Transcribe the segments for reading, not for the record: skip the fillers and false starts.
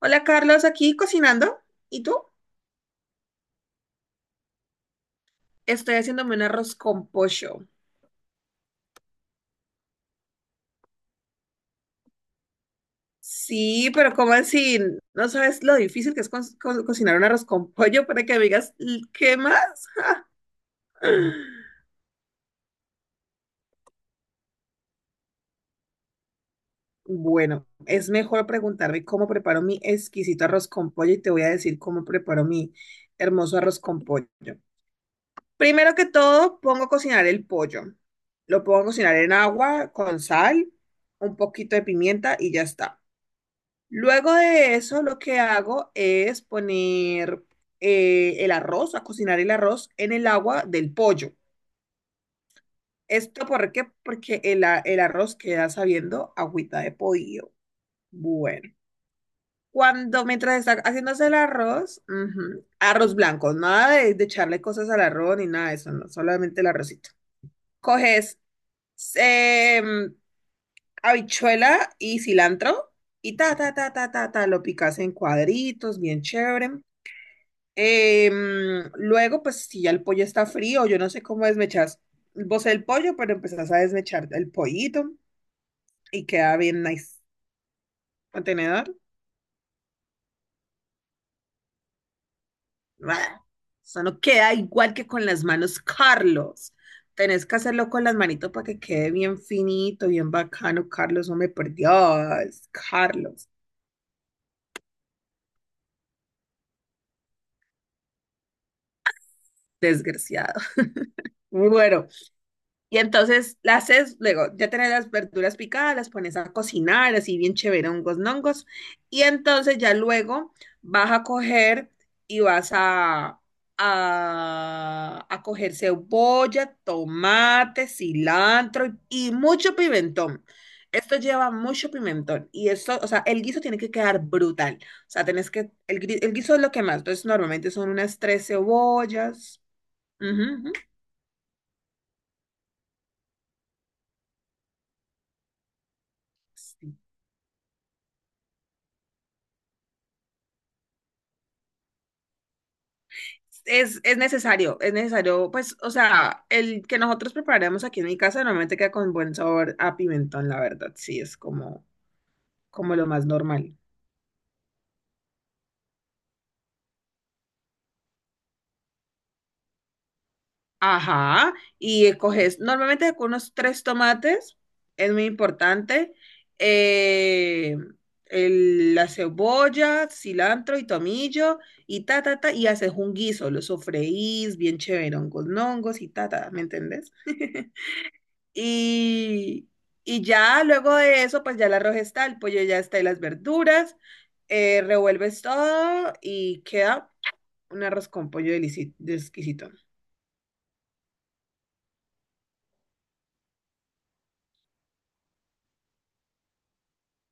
Hola Carlos, aquí cocinando. ¿Y tú? Estoy haciéndome un arroz con pollo. Sí, pero ¿cómo así? ¿No sabes lo difícil que es cocinar un arroz con pollo para que me digas "L- qué más? Bueno, es mejor preguntarme cómo preparo mi exquisito arroz con pollo y te voy a decir cómo preparo mi hermoso arroz con pollo. Primero que todo, pongo a cocinar el pollo. Lo pongo a cocinar en agua con sal, un poquito de pimienta y ya está. Luego de eso, lo que hago es poner el arroz, a cocinar el arroz en el agua del pollo. ¿Esto por qué? Porque el arroz queda sabiendo agüita de pollo. Bueno, cuando mientras está haciéndose el arroz, ujú, arroz blanco, nada de echarle cosas al arroz ni nada de eso, no, solamente el arrocito. Coges em, habichuela y cilantro y ta, ta, ta, ta, ta, ta, lo picas en cuadritos, bien chévere. Em, luego, pues si ya el pollo está frío, yo no sé cómo desmechas vos el pollo, pero empezás a desmechar el pollito y queda bien nice. Contenedor. ¡Bah! Eso no queda igual que con las manos, Carlos. Tenés que hacerlo con las manitos para que quede bien finito, bien bacano, Carlos. No me perdías, Carlos. Desgraciado. Bueno. Y entonces las haces, luego ya tenés las verduras picadas, las pones a cocinar, así bien chévere, hongos, nongos. Y entonces ya luego vas a coger y a coger cebolla, tomate, cilantro y mucho pimentón. Esto lleva mucho pimentón y esto, o sea, el guiso tiene que quedar brutal. O sea, tenés que, el guiso es lo que más, entonces normalmente son unas tres cebollas. Ujú, ujú. Es necesario, es necesario, pues, o sea, el que nosotros preparamos aquí en mi casa normalmente queda con buen sabor a pimentón, la verdad, sí, es como, como lo más normal. Ajá, y coges normalmente con unos tres tomates, es muy importante, eh, la cebolla, cilantro y tomillo, y ta, ta, ta, y haces un guiso, lo sofreís bien chévere, hongos, hongos y ta, ta, ¿me entendés? Y, y ya luego de eso, pues ya el arroz está, el pollo ya está y las verduras. Revuelves todo y queda un arroz con pollo de exquisito.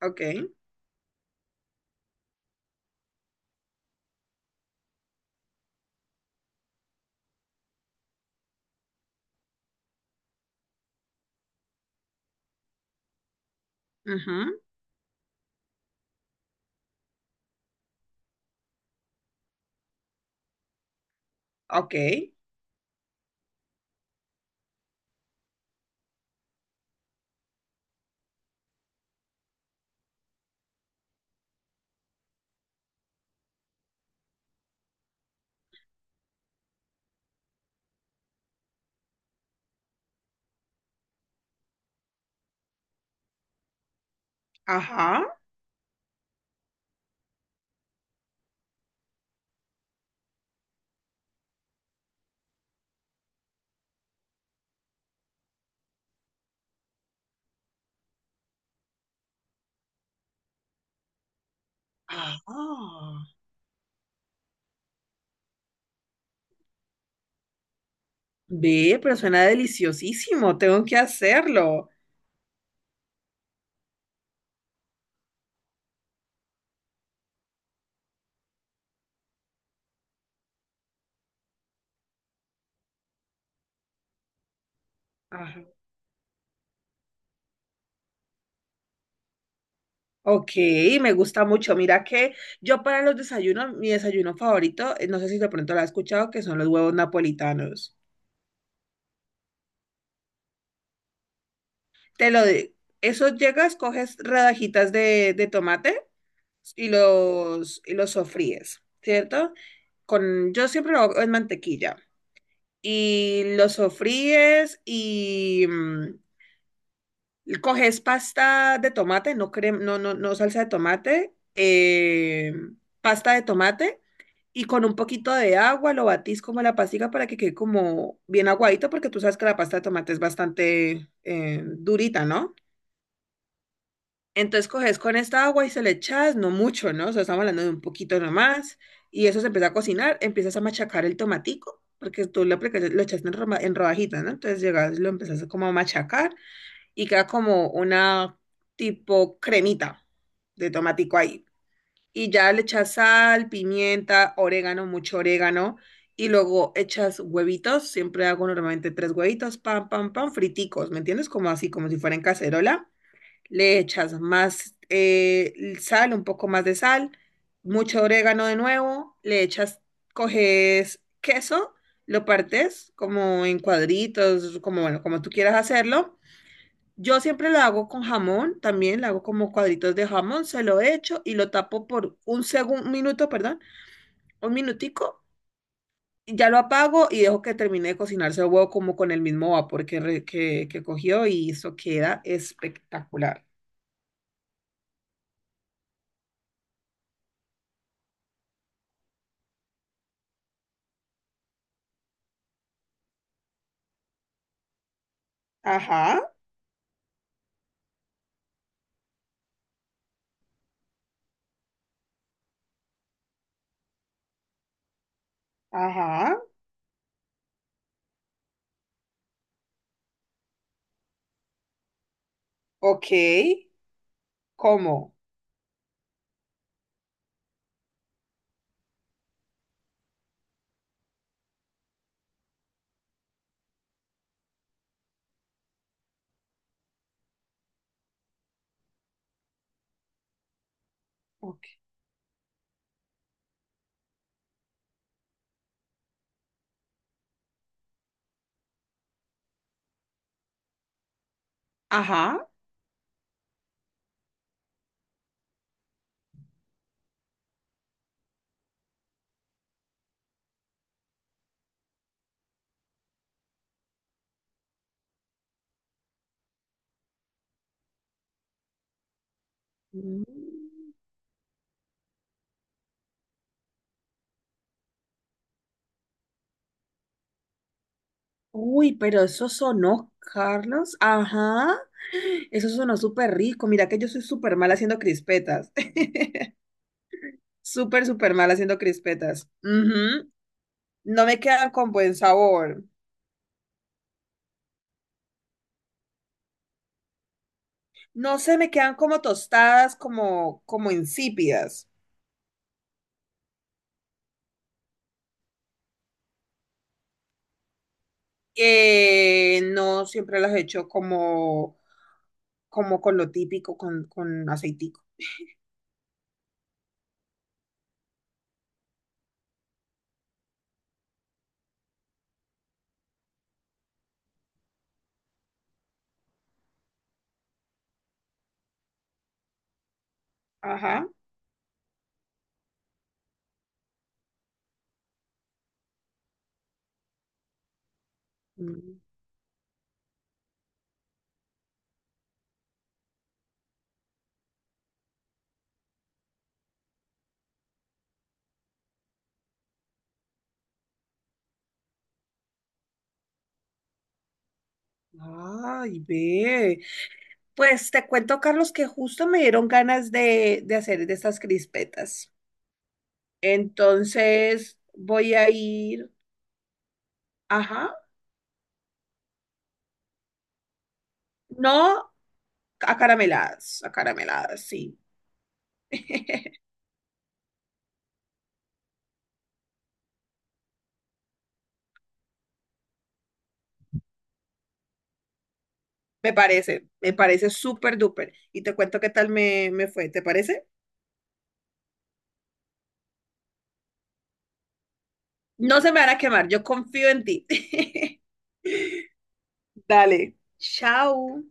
Ok. Ujú. Ok. Ajá. Ah, ve, pero suena deliciosísimo. Tengo que hacerlo. Ajá. Ok, me gusta mucho. Mira que yo para los desayunos, mi desayuno favorito, no sé si de pronto lo has escuchado, que son los huevos napolitanos. Te lo digo. Eso llegas, coges rodajitas de tomate y y los sofríes, ¿cierto? Con, yo siempre lo hago en mantequilla. Y los sofríes y coges pasta de tomate, no, salsa de tomate, pasta de tomate y con un poquito de agua lo batís como la pastica para que quede como bien aguadito porque tú sabes que la pasta de tomate es bastante durita, ¿no? Entonces coges con esta agua y se le echas, no mucho, ¿no? O sea, estamos hablando de un poquito nomás. Y eso se empieza a cocinar, empiezas a machacar el tomatico, porque lo echaste en rodajitas, ¿no? Entonces llegas, lo empiezas como a machacar y queda como una tipo cremita de tomatico ahí. Y ya le echas sal, pimienta, orégano, mucho orégano. Y luego echas huevitos, siempre hago normalmente tres huevitos, pam, pam, pam, friticos, ¿me entiendes? Como así, como si fuera en cacerola le echas más sal, un poco más de sal, mucho orégano de nuevo, le echas, coges queso, lo partes como en cuadritos, como, bueno, como tú quieras hacerlo. Yo siempre lo hago con jamón, también lo hago como cuadritos de jamón, se lo echo y lo tapo por un segundo, un minuto, perdón, un minutico, y ya lo apago y dejo que termine de cocinarse el huevo como con el mismo vapor que cogió y eso queda espectacular. Ajá, ajá. Ok, ¿cómo? Ok. Ajá. Mm. Uy, pero eso sonó, Carlos. Ajá. Eso sonó súper rico. Mira que yo soy súper mal haciendo crispetas. Súper, súper mal haciendo crispetas. Ujú. No me quedan con buen sabor. No se me quedan como tostadas, como, como insípidas. No siempre las he hecho como, como con lo típico, con aceitico. Ajá. Mm. Ay, ve. Pues te cuento, Carlos, que justo me dieron ganas de hacer de estas crispetas. Entonces voy a ir, ajá, no acarameladas, acarameladas, sí. Me parece súper duper. Y te cuento qué tal me fue, ¿te parece? No se me van a quemar, yo confío en ti. Dale. Chao.